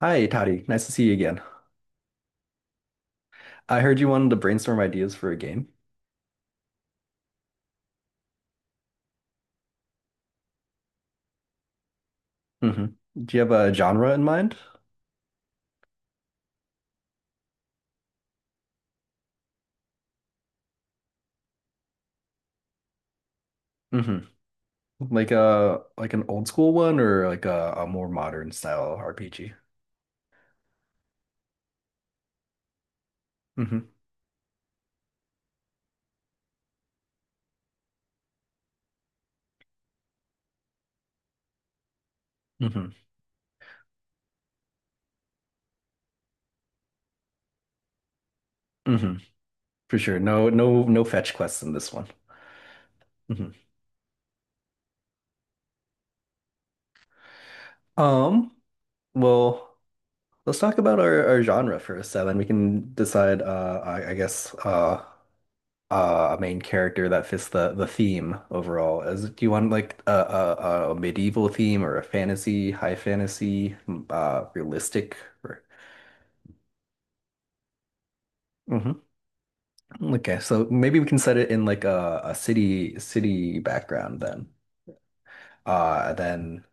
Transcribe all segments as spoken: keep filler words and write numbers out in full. Hi, Toddy. Nice to see you again. I heard you wanted to brainstorm ideas for a game. hmm Do you have a genre in mind? hmm Like a like an old school one or like a, a more modern style R P G? hmm hmm hmm For sure. No, no, no fetch quests in this one. hmm Um, well, let's talk about our, our genre first, so then we can decide uh I, I guess uh uh, a main character that fits the the theme overall. As Do you want like a, a, a medieval theme or a fantasy, high fantasy, m- uh, realistic? Or... Mhm. Okay, so maybe we can set it in like a, a city city background then. Uh, then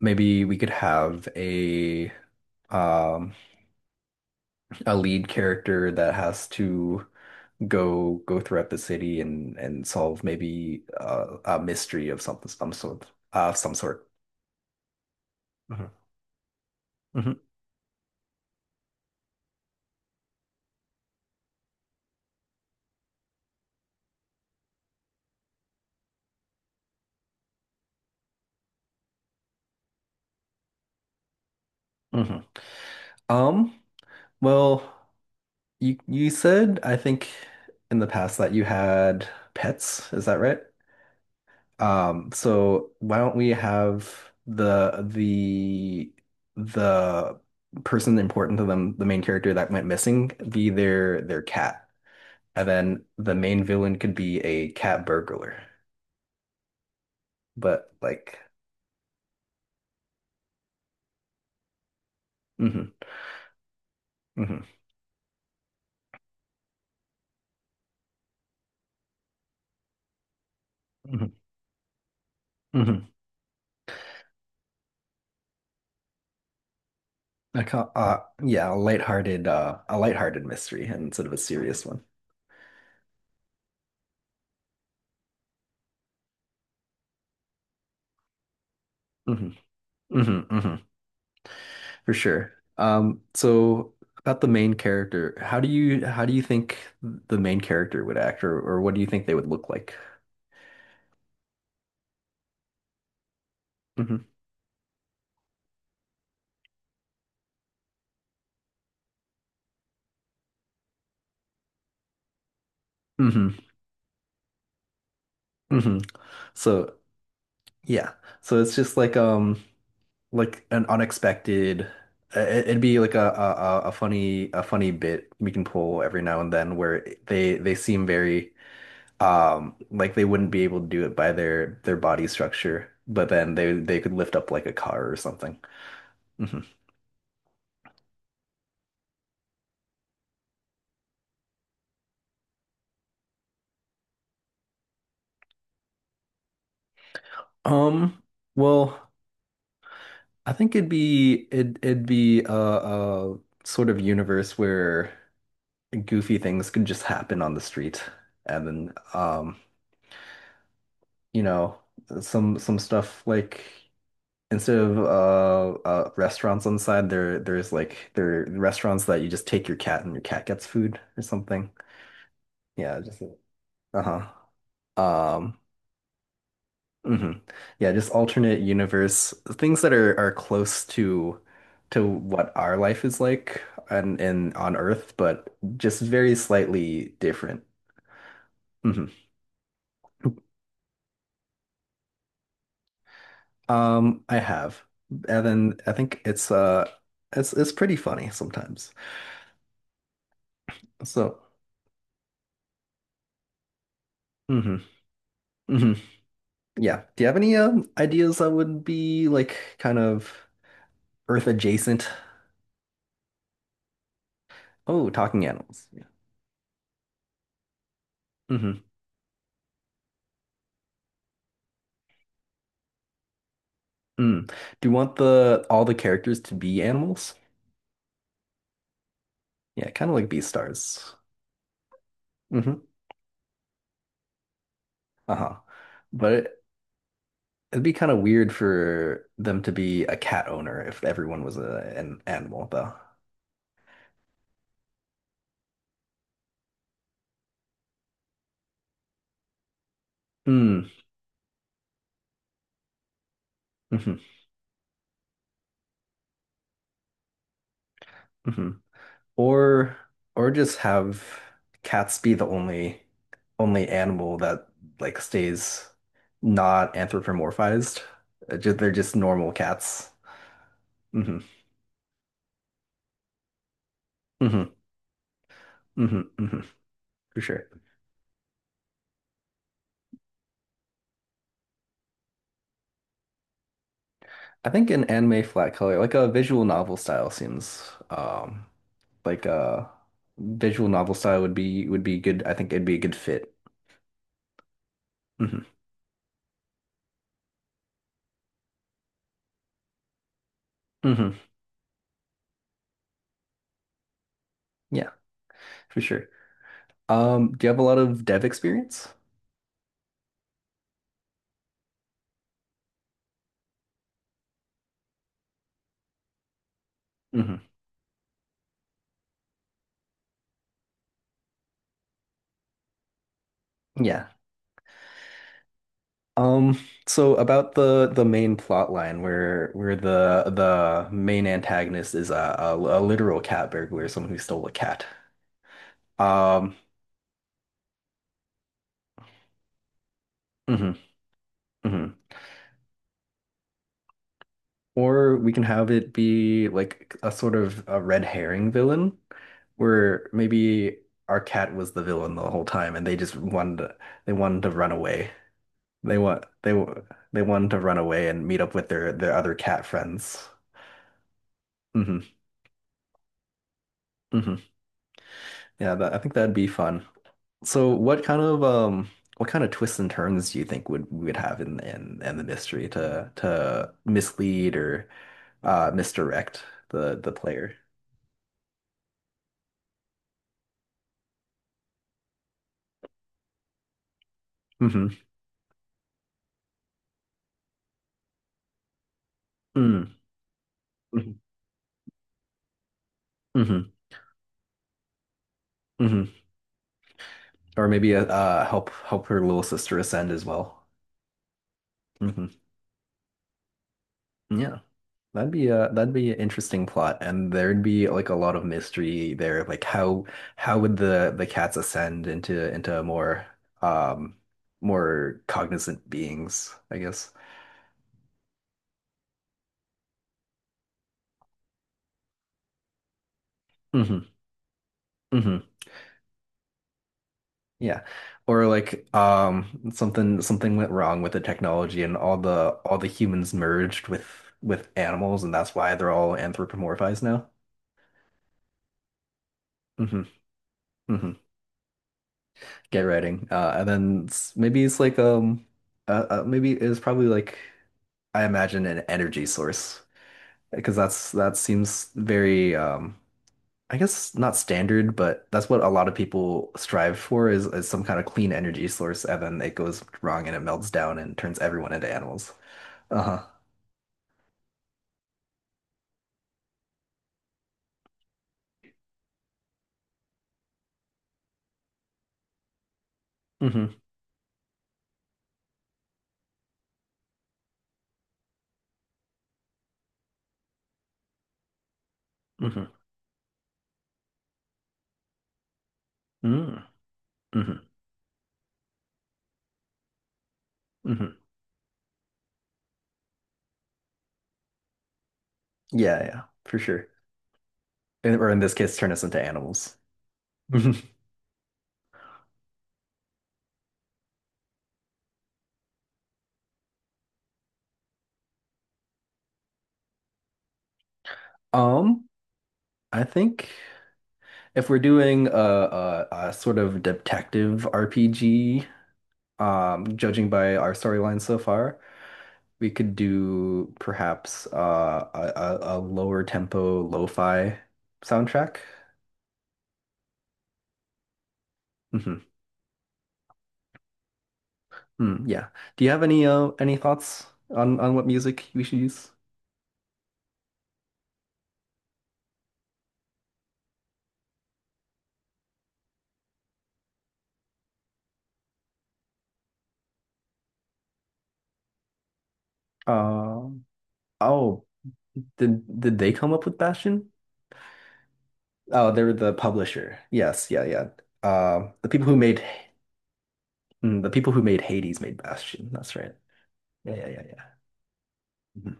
maybe we could have a um a lead character that has to go go throughout the city and and solve maybe uh, a mystery of something some sort uh some sort. Mhm. Mhm. Mhm. Um, well, you you said, I think, in the past that you had pets, is that right? Um, so why don't we have the the the person important to them, the main character that went missing, be their their cat. And then the main villain could be a cat burglar. But like mhm, mhm, mhm, mhm. I can't, uh Yeah, a lighthearted uh a lighthearted mystery instead of a serious one. Mhm. hmm hmm For sure. Um, so about the main character, how do you how do you think the main character would act, or or what do you think they would look like? hmm hmm hmm So yeah, so it's just like um like an unexpected. uh, it- It'd be like a, a a a funny a funny bit we can pull every now and then where they they seem very um like they wouldn't be able to do it by their their body structure, but then they they could lift up like a car or something. Um, well, I think it'd be it it'd be a, a sort of universe where goofy things could just happen on the street, and then um, you know, some some stuff like instead of uh, uh restaurants on the side, there there's like there are restaurants that you just take your cat and your cat gets food or something. Yeah, just uh-huh. Um, hmm Yeah, just alternate universe things that are are close to to what our life is like and and on Earth, but just very slightly different. hmm Um, I have, and then I think it's uh it's it's pretty funny sometimes. So, hmm hmm yeah. Do you have any um ideas that would be like kind of Earth adjacent? Oh, talking animals. Yeah. hmm Mm. Do you want the all the characters to be animals? Yeah, kind of like Beastars. hmm Uh-huh. But it, it'd be kind of weird for them to be a cat owner if everyone was a, an animal, though. Mm. hmm hmm Or or just have cats be the only only animal that like stays not anthropomorphized. Uh, ju- they're just normal cats. hmm hmm hmm hmm For sure. I think an anime flat color, like a visual novel style, seems um like uh visual novel style would be would be good. I think it'd be a good fit. hmm hmm Yeah, for sure. Um, do you have a lot of dev experience? hmm Yeah. Um, so about the the main plot line where where the the main antagonist is a, a, a literal cat burglar, someone who stole a cat. Um, mhm, mhm. Or we can have it be like a sort of a red herring villain, where maybe our cat was the villain the whole time and they just wanted to, they wanted to run away. They want they wa- they wanted to run away and meet up with their their other cat friends. hmm hmm Yeah, that, I think that'd be fun. So what kind of um what kind of twists and turns do you think would we would have in in in the mystery to to mislead or uh misdirect the the player? hmm Mm. hmm hmm Or maybe uh help help her little sister ascend as well. hmm Yeah, that'd be a that'd be an interesting plot, and there'd be like a lot of mystery there. Like how how would the the cats ascend into into more um more cognizant beings, I guess. hmm hmm Yeah. Or like um something something went wrong with the technology and all the all the humans merged with with animals, and that's why they're all anthropomorphized now. hmm hmm Get writing. Uh and then it's, maybe it's like um uh, uh maybe it's probably like I imagine an energy source because that's that seems very um I guess not standard, but that's what a lot of people strive for is, is some kind of clean energy source, and then it goes wrong and it melts down and turns everyone into animals. Uh-huh. Mm-hmm. Mm-hmm. Mm. Mm-hmm. Mm-hmm. hmm Yeah, yeah, for sure. And, or in this case, turn us into animals. Mhm. Um, I think if we're doing a, a, a sort of detective R P G, um, judging by our storyline so far. We could do perhaps uh, a, a, a lower tempo lo-fi soundtrack. Mm-hmm. hmm Mm, yeah. Do you have any uh, any thoughts on on what music we should use? Um. Oh, did did they come up with Bastion? Oh, they were the publisher. Yes. Yeah. Yeah. Uh, the people who made mm, the people who made Hades made Bastion. That's right. Yeah. Yeah. Yeah. Yeah. Mhm.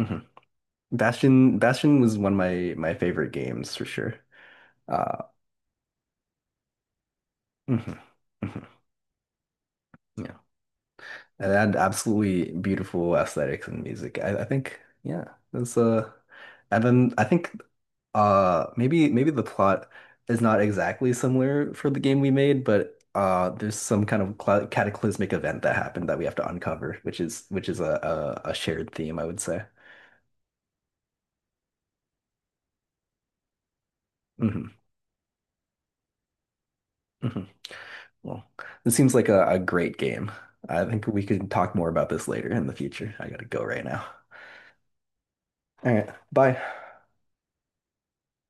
Mhm. Bastion Bastion was one of my my favorite games for sure. Uh. mhm, mhm. Yeah. And they had absolutely beautiful aesthetics and music. I, I think, yeah, that's uh, and then I think, uh, maybe maybe the plot is not exactly similar for the game we made, but uh, there's some kind of cla- cataclysmic event that happened that we have to uncover, which is which is a a, a shared theme, I would say. hmm hmm Well, this seems like a, a great game. I think we can talk more about this later in the future. I gotta go right now. All right, bye.